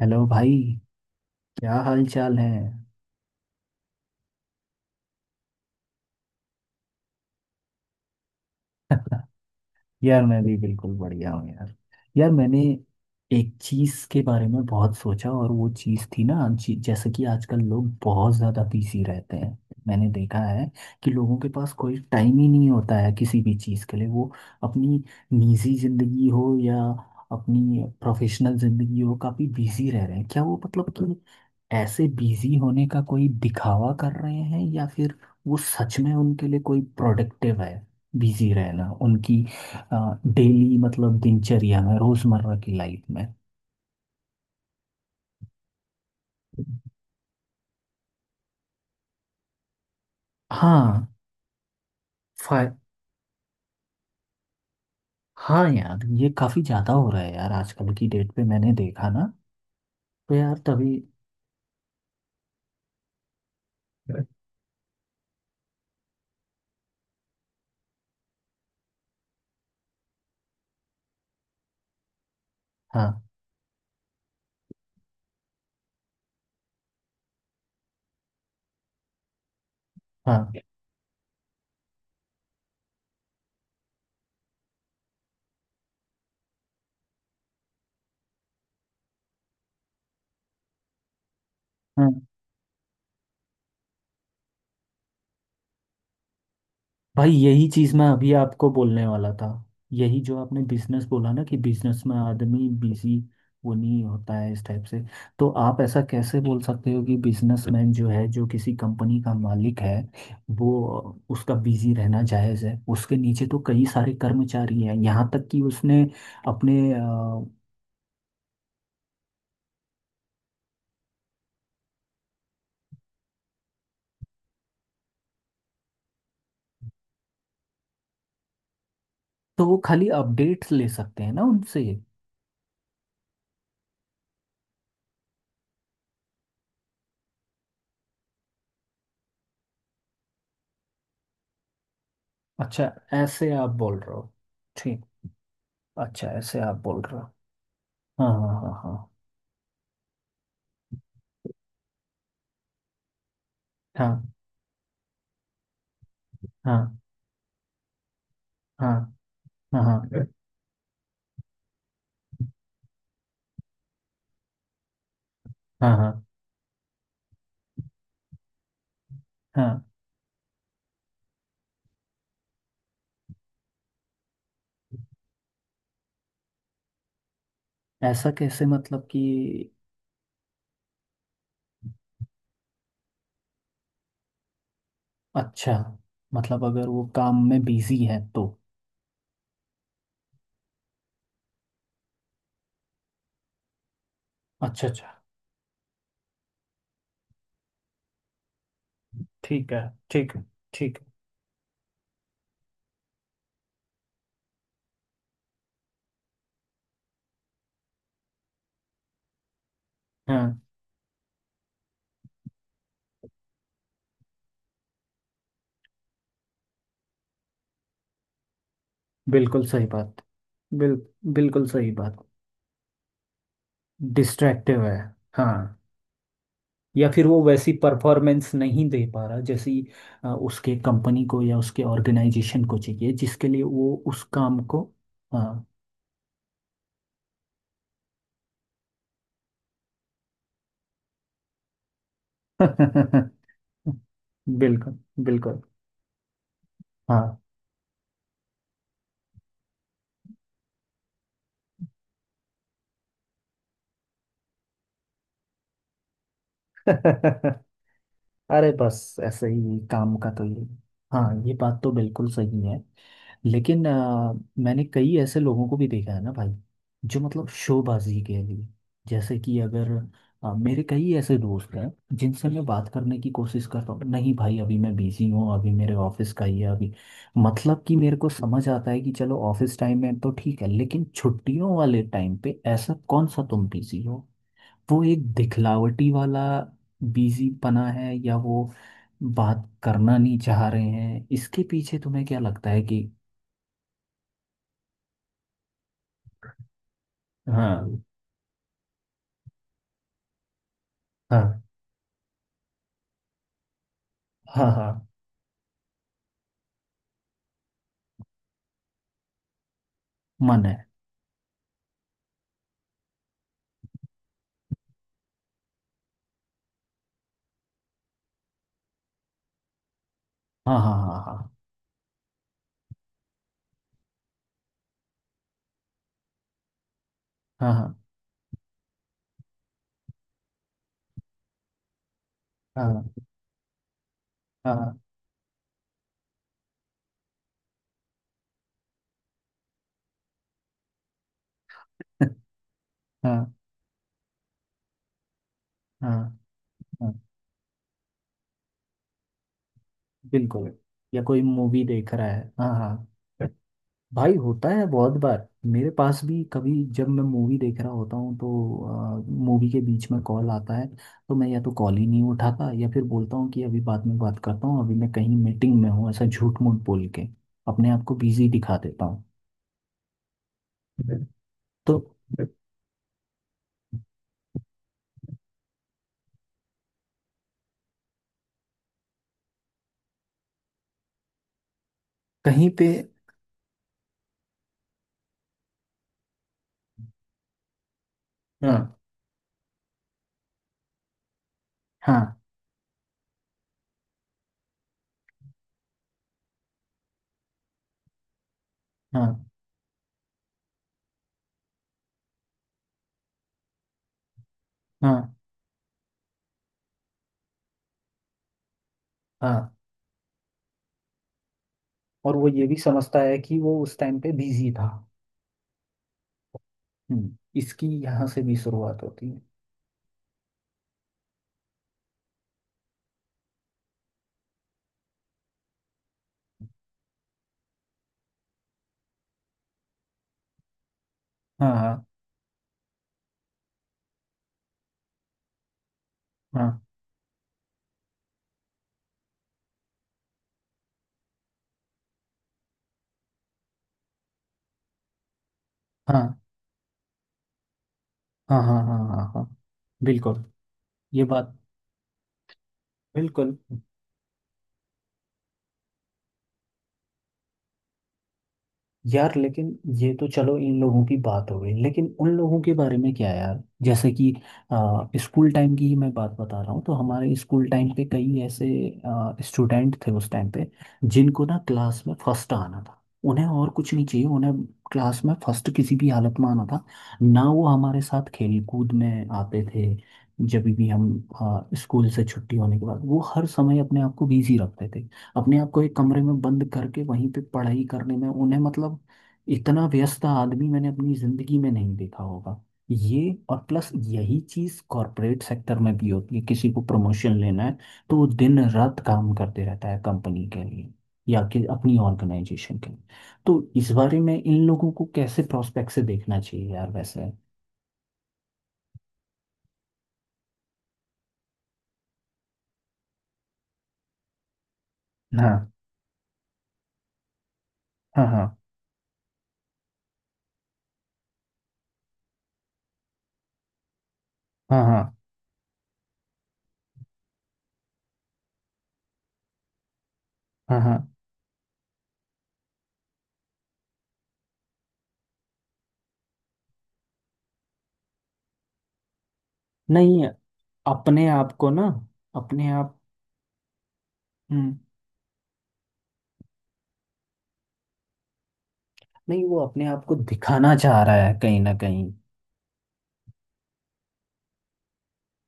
Hello भाई। क्या हाल चाल है? यार मैं भी बिल्कुल बढ़िया हूँ यार। यार मैंने एक चीज़ के बारे में बहुत सोचा, और वो चीज़ थी ना जैसे कि आजकल लोग बहुत ज़्यादा बिजी रहते हैं। मैंने देखा है कि लोगों के पास कोई टाइम ही नहीं होता है किसी भी चीज़ के लिए। वो अपनी निजी ज़िंदगी हो या अपनी प्रोफेशनल ज़िंदगी हो, काफ़ी बिजी रह रहे हैं। क्या वो, मतलब कि ऐसे बिजी होने का कोई दिखावा कर रहे हैं, या फिर वो सच में उनके लिए कोई प्रोडक्टिव है बिजी रहना, उनकी डेली, मतलब दिनचर्या में, रोजमर्रा की लाइफ में? हाँ। फाय हाँ यार, ये काफी ज्यादा हो रहा है यार आजकल की डेट पे। मैंने देखा ना, तो यार तभी। हाँ, हाँ, हाँ। भाई यही चीज मैं अभी आपको बोलने वाला था। यही जो आपने बिजनेस बोला ना कि बिजनेस में आदमी बिजी वो नहीं होता है इस टाइप से। तो आप ऐसा कैसे बोल सकते हो कि बिजनेसमैन जो है, जो किसी कंपनी का मालिक है, वो उसका बिजी रहना जायज है। उसके नीचे तो कई सारे कर्मचारी हैं, यहाँ तक कि उसने अपने तो वो खाली अपडेट्स ले सकते हैं ना उनसे। अच्छा, ऐसे आप बोल रहे हो। ठीक। अच्छा, ऐसे आप बोल रहे हो। हाँ, हाँ, हाँ, हाँ, हाँ, हाँ, हाँ, हाँ, हाँ, हाँ, हाँ, हाँ। ऐसा कैसे, मतलब कि? अच्छा, मतलब अगर वो काम में बिजी है तो? अच्छा, अच्छा। ठीक है, ठीक है, ठीक है। हाँ, बिल्कुल सही बात। बिल बिल्कुल सही बात। डिस्ट्रैक्टिव है। हाँ, या फिर वो वैसी परफॉर्मेंस नहीं दे पा रहा जैसी उसके कंपनी को या उसके ऑर्गेनाइजेशन को चाहिए, जिसके लिए वो उस काम को। हाँ। बिल्कुल, बिल्कुल। हाँ। अरे बस ऐसे ही काम का तो ये। हाँ, ये बात तो बिल्कुल सही है। लेकिन मैंने कई ऐसे लोगों को भी देखा है ना भाई, जो मतलब शोबाजी के लिए। जैसे कि अगर मेरे कई ऐसे दोस्त हैं, जिनसे मैं बात करने की कोशिश करता हूँ, नहीं भाई अभी मैं बिजी हूँ, अभी मेरे ऑफिस का ही है अभी। मतलब कि मेरे को समझ आता है कि चलो ऑफिस टाइम में तो ठीक है, लेकिन छुट्टियों वाले टाइम पे ऐसा कौन सा तुम बिजी हो? वो एक दिखलावटी वाला बिजी पना है, या वो बात करना नहीं चाह रहे हैं? इसके पीछे तुम्हें क्या लगता है कि? हाँ, हाँ, हाँ, हाँ। मन है। हाँ, हाँ, हाँ, हाँ, हाँ, हाँ, हाँ, हाँ। हाँ, हाँ, हाँ। बिल्कुल। या कोई मूवी देख रहा है, हाँ, हाँ। भाई होता है बहुत बार। मेरे पास भी कभी जब मैं मूवी देख रहा होता हूँ, तो मूवी के बीच में कॉल आता है, तो मैं या तो कॉल ही नहीं उठाता, या फिर बोलता हूँ कि अभी बाद में बात करता हूँ, अभी मैं कहीं मीटिंग में हूँ, ऐसा झूठ मूठ बोल के अपने आप को बिजी दिखा देता हूँ। तो कहीं पे। हाँ, हाँ, हाँ, हाँ, हाँ। और वो ये भी समझता है कि वो उस टाइम पे बिजी था। इसकी यहाँ से भी शुरुआत होती है। हाँ, हाँ, हाँ, हाँ, हाँ, हाँ, हाँ, हाँ, हाँ। बिल्कुल। ये बात, बिल्कुल। यार लेकिन ये तो चलो, इन लोगों की बात हो गई, लेकिन उन लोगों के बारे में क्या यार? जैसे कि स्कूल टाइम की ही मैं बात बता रहा हूँ। तो हमारे स्कूल टाइम पे कई ऐसे स्टूडेंट थे उस टाइम पे, जिनको ना क्लास में फर्स्ट आना था। उन्हें और कुछ नहीं चाहिए, उन्हें क्लास में फर्स्ट किसी भी हालत में आना था। ना वो हमारे साथ खेल कूद में आते थे, जब भी हम स्कूल से छुट्टी होने के बाद, वो हर समय अपने आप को बिजी रखते थे, अपने आप को एक कमरे में बंद करके वहीं पे पढ़ाई करने में। उन्हें, मतलब इतना व्यस्त आदमी मैंने अपनी जिंदगी में नहीं देखा होगा, ये। और प्लस यही चीज कॉरपोरेट सेक्टर में भी होती है, किसी को प्रमोशन लेना है तो वो दिन रात काम करते रहता है कंपनी के लिए, या कि अपनी ऑर्गेनाइजेशन के लिए। तो इस बारे में इन लोगों को कैसे प्रोस्पेक्ट से देखना चाहिए यार वैसे? हाँ, हाँ, हाँ, हाँ, हाँ, हाँ, हाँ। नहीं, अपने आप को ना, अपने आप। हम्म। नहीं, वो अपने आप को दिखाना चाह रहा है कहीं ना कहीं।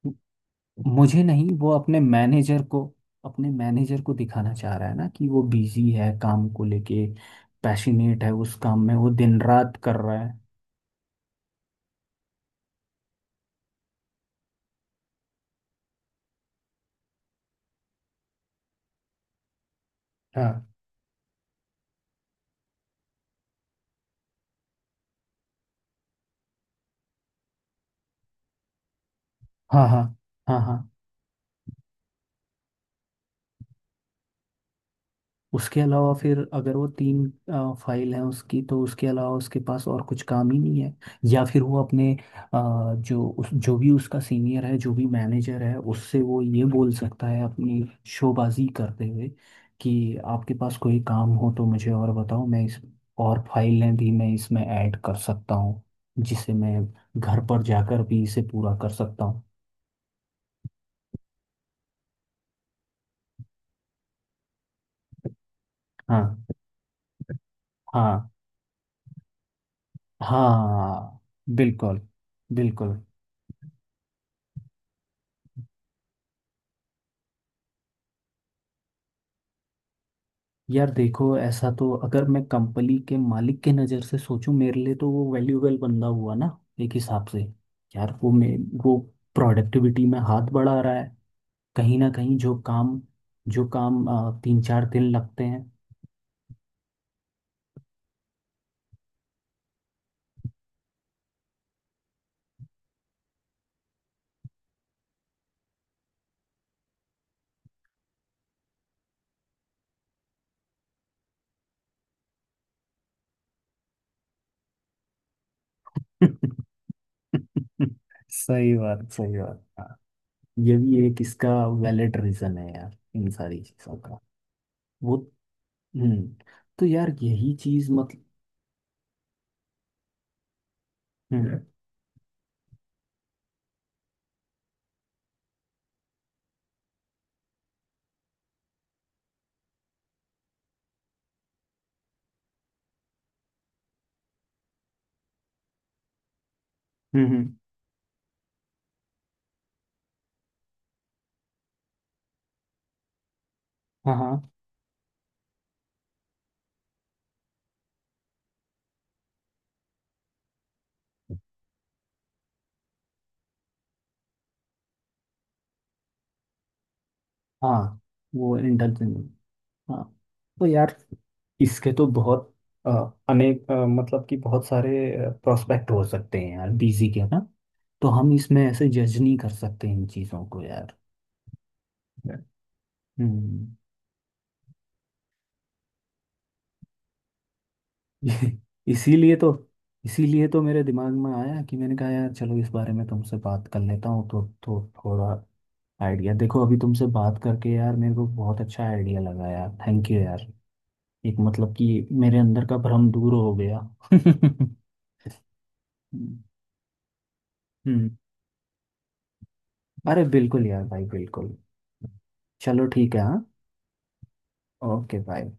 म- मुझे नहीं, वो अपने मैनेजर को, अपने मैनेजर को दिखाना चाह रहा है ना कि वो बिजी है काम को लेके, पैशनेट है उस काम में, वो दिन रात कर रहा है। हाँ, हाँ, हाँ, हाँ, हाँ। उसके अलावा फिर अगर वो तीन फाइल है उसकी, तो उसके अलावा उसके पास और कुछ काम ही नहीं है। या फिर वो अपने जो भी उसका सीनियर है, जो भी मैनेजर है, उससे वो ये बोल सकता है अपनी शोबाजी करते हुए, कि आपके पास कोई काम हो तो मुझे और बताओ। मैं इस और फाइलें भी मैं इसमें ऐड कर सकता हूँ, जिसे मैं घर पर जाकर भी इसे पूरा कर सकता हूँ। हाँ, हाँ, हाँ। बिल्कुल, बिल्कुल। यार देखो ऐसा तो, अगर मैं कंपनी के मालिक के नज़र से सोचूं, मेरे लिए तो वो वैल्यूएबल बंदा हुआ ना, एक हिसाब से। यार वो प्रोडक्टिविटी में हाथ बढ़ा रहा है, कहीं ना कहीं जो काम, जो काम तीन चार दिन लगते हैं। सही बात, सही बात। हाँ, ये भी एक इसका वैलिड रीज़न है यार, इन सारी चीज़ों का। वो, हम्म। तो यार यही चीज़, मतलब। हम्म, हम्म, हाँ, हाँ, हाँ। वो इंटेलिजेंट। हाँ, तो यार इसके तो बहुत अ, अनेक मतलब कि बहुत सारे प्रोस्पेक्ट हो सकते हैं यार बीजी के ना। तो हम इसमें ऐसे जज नहीं कर सकते इन चीज़ों को यार। हम्म इसीलिए तो इसीलिए तो मेरे दिमाग में आया कि मैंने कहा यार चलो इस बारे में तुमसे बात कर लेता हूँ, तो थोड़ा आइडिया। देखो अभी तुमसे बात करके यार, मेरे को बहुत अच्छा आइडिया लगा यार। थैंक यू यार। एक मतलब कि मेरे अंदर का भ्रम दूर हो गया। हम्म, हम्म। अरे बिल्कुल यार भाई, बिल्कुल। चलो ठीक है, हाँ। Okay bye.